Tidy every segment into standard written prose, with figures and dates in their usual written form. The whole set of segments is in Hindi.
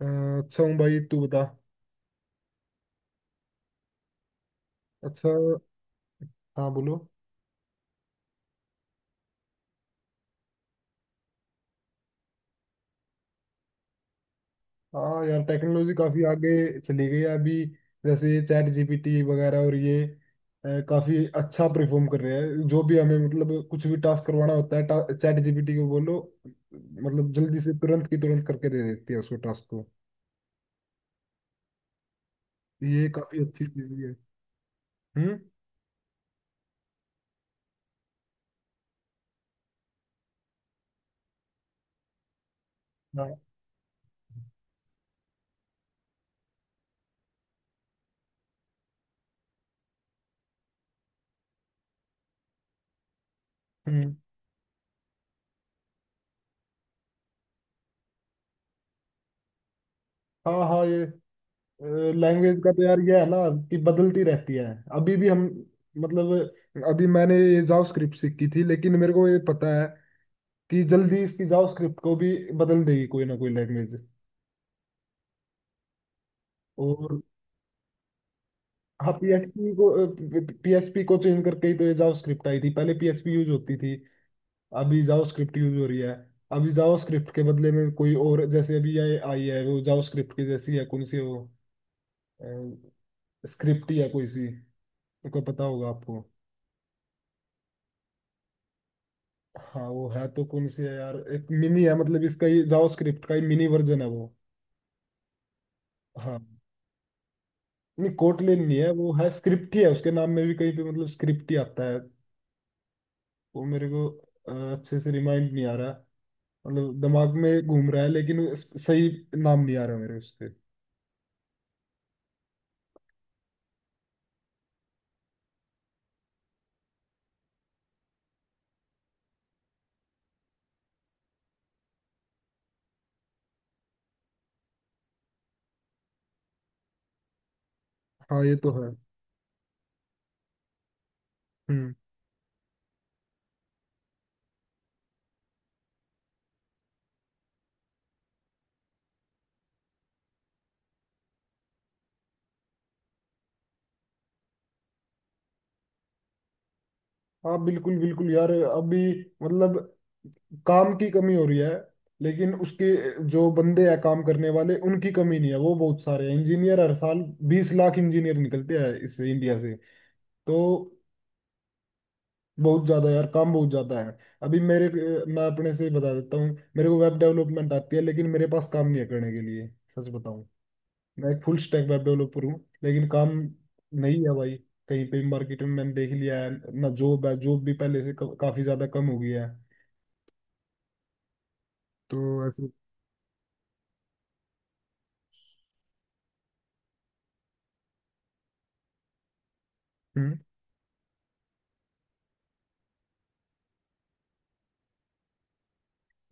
अच्छा हूँ भाई, तू बता। अच्छा। हाँ, बोलो। हाँ यार, टेक्नोलॉजी काफी आगे चली गई है अभी। जैसे ये चैट जीपीटी वगैरह और ये काफी अच्छा परफॉर्म कर रहे हैं। जो भी हमें मतलब कुछ भी टास्क करवाना होता है चैट जीपीटी को बोलो, मतलब जल्दी से तुरंत की तुरंत करके दे देती है उसको, टास्क को। ये काफी अच्छी चीज भी है। हम्म। हाँ। हम्म। हाँ हाँ ये, लैंग्वेज का तो यार ये है ना कि बदलती रहती है। अभी भी हम मतलब अभी मैंने ये जावास्क्रिप्ट सीखी थी, लेकिन मेरे को ये पता है कि जल्दी इसकी जावास्क्रिप्ट को भी बदल देगी कोई ना कोई लैंग्वेज। और हाँ पीएचपी को, पीएचपी को चेंज करके ही तो ये जावास्क्रिप्ट आई थी। पहले पीएचपी यूज होती थी, अभी जावास्क्रिप्ट यूज हो रही है। अभी जावास्क्रिप्ट के बदले में कोई और, जैसे अभी ये आई है वो जावास्क्रिप्ट की जैसी है, कौन सी है वो, स्क्रिप्ट ही है कोई सी, को पता होगा आपको। हाँ वो है, तो कौन सी है यार, एक मिनी है मतलब इसका, ये जावास्क्रिप्ट का ही मिनी वर्जन है वो। हाँ। नहीं कोटलिन नहीं है, वो है स्क्रिप्ट ही है, उसके नाम में भी कहीं पे मतलब स्क्रिप्ट ही आता है। वो मेरे को अ, अच्छे से रिमाइंड नहीं आ रहा, मतलब दिमाग में घूम रहा है लेकिन सही नाम नहीं आ रहा मेरे उसके। हाँ ये तो है। हम्म। हाँ बिल्कुल बिल्कुल यार, अभी मतलब काम की कमी हो रही है, लेकिन उसके जो बंदे हैं काम करने वाले, उनकी कमी नहीं है, वो बहुत सारे हैं। इंजीनियर हर साल 20 लाख इंजीनियर निकलते हैं इस इंडिया से, तो बहुत ज्यादा यार, काम बहुत ज्यादा है। अभी मेरे, मैं अपने से ही बता देता हूँ। मेरे को वेब डेवलपमेंट आती है लेकिन मेरे पास काम नहीं है करने के लिए, सच बताऊँ। मैं एक फुल स्टैक वेब डेवलपर हूँ, लेकिन काम नहीं है भाई। कहीं पे मार्केट में मैंने देख लिया है, ना जॉब है, जॉब भी पहले से काफी ज्यादा कम हो गई है। तो ऐसे। हम्म।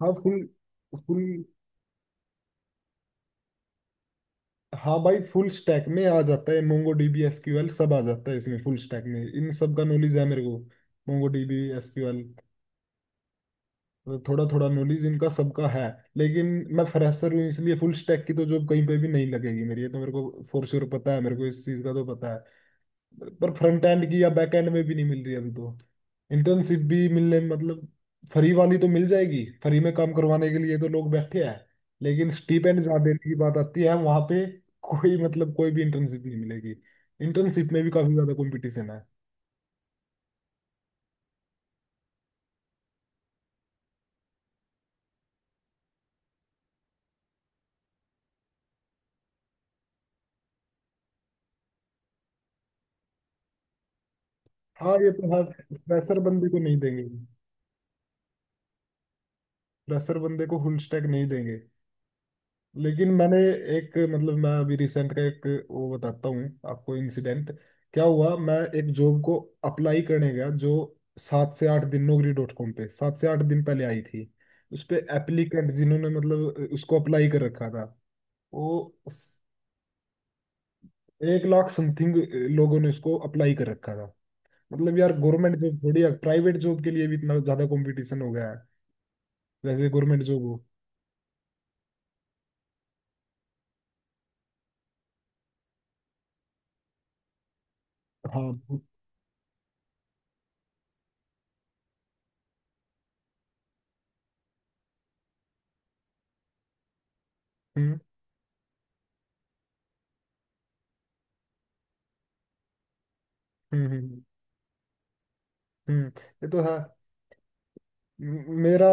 हाँ फुल, हाँ भाई, फुल स्टैक में आ जाता है, मोंगो डीबी एसक्यूएल सब आ जाता है इसमें। फुल स्टैक में इन सब का नॉलेज है मेरे को। मोंगो डीबी एसक्यूएल थोड़ा थोड़ा नॉलेज इनका सबका है, लेकिन मैं फ्रेशर हूँ इसलिए फुल स्टैक की तो जॉब कहीं पे भी नहीं लगेगी मेरी, ये तो मेरे को फोर श्योर पता है, मेरे को इस चीज़ का तो पता है। पर फ्रंट एंड की या बैक एंड में भी नहीं मिल रही अभी, तो इंटर्नशिप भी मिलने मतलब फ्री वाली तो मिल जाएगी, फ्री में काम करवाने के लिए तो लोग बैठे हैं। लेकिन स्टीपेंड जहाँ देने की बात आती है वहां पे कोई मतलब कोई भी इंटर्नशिप नहीं मिलेगी। इंटर्नशिप में भी काफी ज्यादा कंपटीशन है। हाँ ये तो है। फ्रेशर बंदे को नहीं देंगे, फ्रेशर बंदे को फुल स्टैक नहीं देंगे। लेकिन मैंने एक मतलब मैं अभी रिसेंट का एक वो बताता हूँ आपको, इंसिडेंट। क्या हुआ, मैं एक जॉब को अप्लाई करने गया जो 7 से 8 दिन naukri.com पे, 7 से 8 दिन पहले आई थी। उस पे एप्लीकेंट जिन्होंने मतलब उसको अप्लाई कर रखा था, वो 1 लाख समथिंग लोगों ने उसको अप्लाई कर रखा था। मतलब यार गवर्नमेंट जॉब थोड़ी, प्राइवेट जॉब के लिए भी इतना ज्यादा कंपटीशन हो गया है, जैसे गवर्नमेंट जॉब हो। हाँ। हम्म। हम्म। हम्म। हम्म, ये तो है। मेरा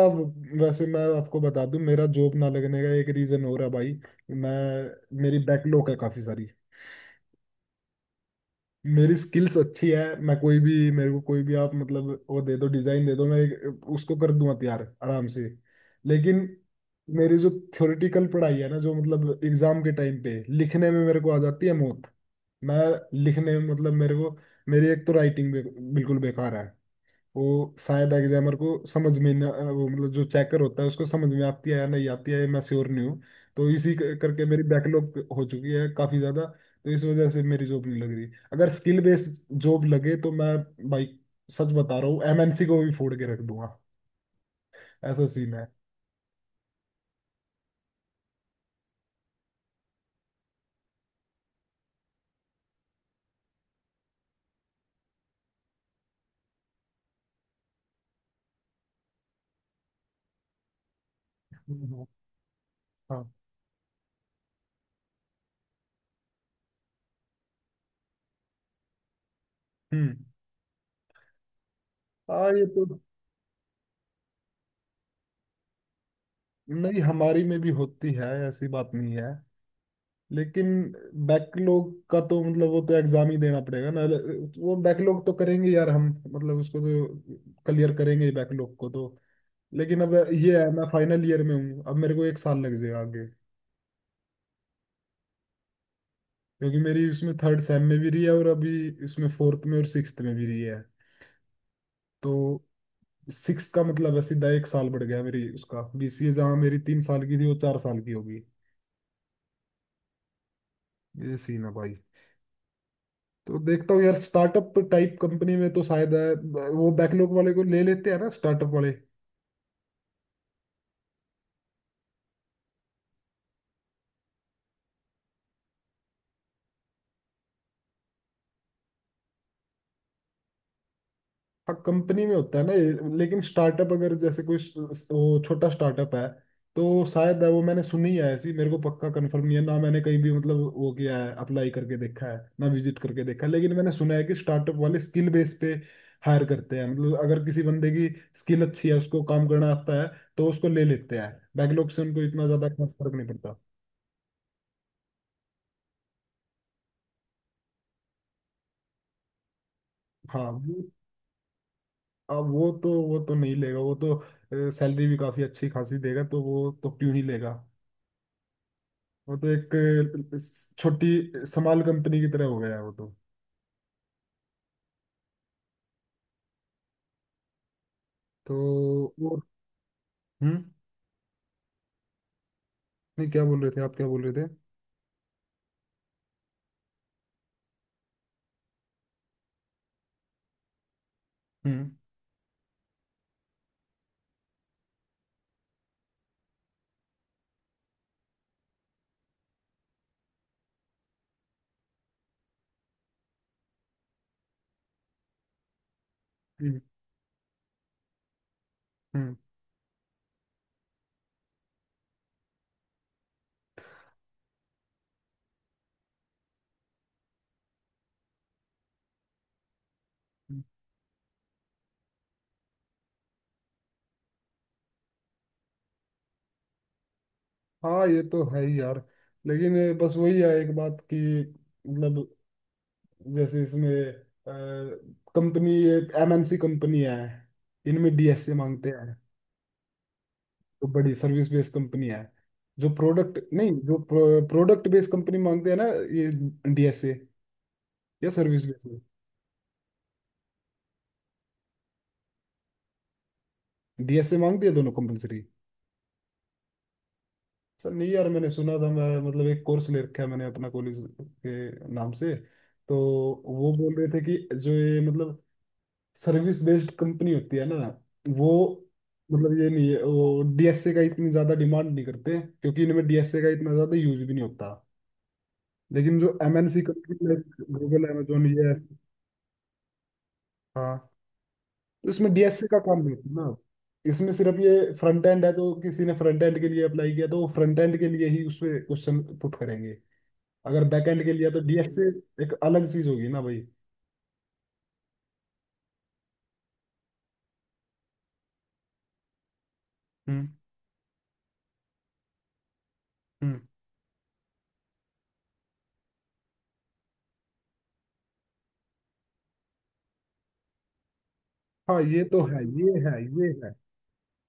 वैसे, मैं आपको बता दूं मेरा जॉब ना लगने का एक रीजन हो रहा है भाई, मैं, मेरी बैकलॉग है काफी सारी। मेरी स्किल्स अच्छी है, मैं कोई भी मेरे को कोई भी आप मतलब वो दे दो, डिजाइन दे दो मैं उसको कर दूंगा तैयार आराम से। लेकिन मेरी जो थ्योरेटिकल पढ़ाई है ना जो मतलब एग्जाम के टाइम पे लिखने में मेरे को आ जाती है मौत। मैं लिखने में मतलब मेरे को, मेरी एक तो राइटिंग बिल्कुल बेकार है, वो शायद एग्जामर को समझ में ना, वो मतलब जो चेकर होता है उसको समझ में आती है या नहीं आती है ये मैं श्योर नहीं हूँ। तो इसी करके मेरी बैकलॉग हो चुकी है काफी ज्यादा। तो इस वजह से मेरी जॉब नहीं लग रही, अगर स्किल बेस्ड जॉब लगे तो मैं, भाई सच बता रहा हूँ, एमएनसी को भी फोड़ के रख दूंगा, ऐसा सीन है। हम्म, हाँ। हम्म। हाँ ये तो। नहीं हमारी में भी होती है, ऐसी बात नहीं है, लेकिन बैकलॉग का तो मतलब वो तो एग्जाम ही देना पड़ेगा ना, वो बैकलॉग तो करेंगे यार हम, मतलब उसको तो क्लियर करेंगे ही बैकलॉग को तो। लेकिन अब ये है, मैं फाइनल ईयर में हूँ, अब मेरे को 1 साल लग जाएगा आगे, क्योंकि मेरी उसमें थर्ड सेम में भी रही है और अभी इसमें फोर्थ में और सिक्स्थ में भी रही है, तो सिक्स का मतलब है सीधा 1 साल बढ़ गया मेरी। उसका बीसीए जहाँ मेरी 3 साल की थी वो 4 साल की होगी। ये सीन है भाई। तो देखता हूँ यार, स्टार्टअप टाइप कंपनी में तो शायद वो बैकलॉग वाले को ले लेते हैं ना स्टार्टअप वाले। हाँ कंपनी में होता है ना ये, लेकिन स्टार्टअप अगर जैसे कोई वो छोटा स्टार्टअप है तो शायद वो, मैंने सुनी है ऐसी, मेरे को पक्का कंफर्म नहीं है ना, मैंने कहीं भी मतलब वो किया है, अप्लाई करके देखा है ना विजिट करके देखा है, लेकिन मैंने सुना है कि स्टार्टअप वाले स्किल बेस पे हायर करते हैं, मतलब अगर किसी बंदे की स्किल अच्छी है, उसको काम करना आता है तो उसको ले लेते हैं, बैकलॉग से उनको इतना ज्यादा खास फर्क नहीं पड़ता। हाँ। अब वो तो, वो तो नहीं लेगा, वो तो सैलरी भी काफी अच्छी खासी देगा तो वो तो क्यों ही लेगा। वो तो एक छोटी समाल कंपनी की तरह हो गया है वो तो। तो वो। हम्म। नहीं क्या बोल रहे थे आप, क्या बोल रहे थे। हम्म। हम्म। हम्म, हम्म। हाँ ये तो है ही यार, लेकिन बस वही है एक बात कि मतलब जैसे इसमें कंपनी, एक एमएनसी कंपनी है, इनमें डीएसए मांगते हैं, तो बड़ी सर्विस बेस्ड कंपनी है जो प्रोडक्ट नहीं, जो प्रोडक्ट बेस्ड कंपनी मांगते हैं ना ये डीएसए, या सर्विस बेस्ड डीएसए मांगती है दोनों कंपलसरी। सर नहीं यार, मैंने सुना था, मैं मतलब एक कोर्स ले रखा है मैंने अपना कॉलेज के नाम से, तो वो बोल रहे थे कि जो ये मतलब सर्विस बेस्ड कंपनी होती है ना वो, मतलब ये नहीं है, वो डीएसए का इतनी ज़्यादा डिमांड नहीं करते क्योंकि इनमें डीएसए का इतना ज़्यादा यूज भी नहीं होता। लेकिन जो MNC company like Google Amazon ये, हाँ, इसमें डीएसए का काम नहीं था ना, इसमें सिर्फ ये फ्रंट एंड है, तो किसी ने फ्रंट एंड के लिए अप्लाई किया तो वो फ्रंट एंड के लिए ही उसमें क्वेश्चन पुट करेंगे। अगर बैक एंड के लिए तो डीएसए एक अलग चीज होगी ना भाई। हम्म। हम्म। हाँ ये तो है, ये है ये है।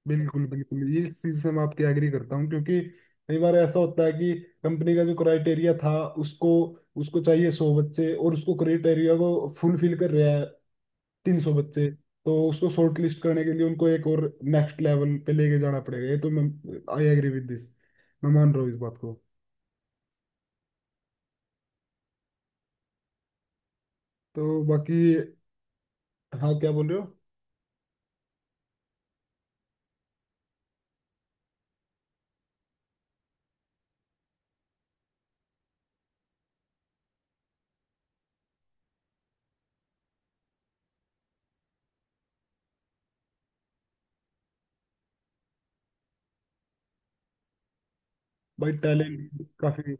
बिल्कुल बिल्कुल, ये इस चीज से मैं आपकी एग्री करता हूँ, क्योंकि कई बार ऐसा होता है कि कंपनी का जो क्राइटेरिया था, उसको, उसको चाहिए 100 बच्चे और उसको क्राइटेरिया को फुलफिल कर रहा है 300 बच्चे, तो उसको शॉर्ट लिस्ट करने के लिए उनको एक और नेक्स्ट लेवल पे लेके जाना पड़ेगा, ये तो मैं, आई एग्री विद दिस, मैं मान रहा हूँ इस बात को। तो बाकी, हाँ क्या बोल रहे हो। भाई टैलेंट काफी,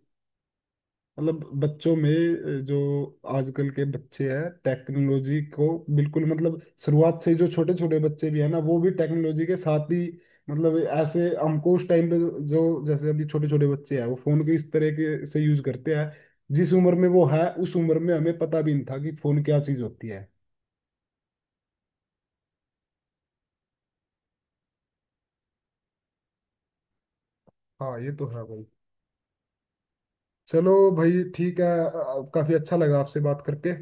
मतलब बच्चों में, जो आजकल के बच्चे हैं, टेक्नोलॉजी को बिल्कुल मतलब शुरुआत से ही, जो छोटे छोटे बच्चे भी है ना वो भी टेक्नोलॉजी के साथ ही, मतलब ऐसे हमको उस टाइम पे, जो, जैसे अभी छोटे छोटे बच्चे हैं वो फोन को इस तरह के से यूज करते हैं, जिस उम्र में वो है उस उम्र में हमें पता भी नहीं था कि फोन क्या चीज होती है। हाँ ये तो है भाई। चलो भाई ठीक है, काफी अच्छा लगा आपसे बात करके।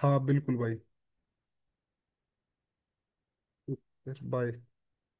हाँ बिल्कुल भाई। फिर बाय।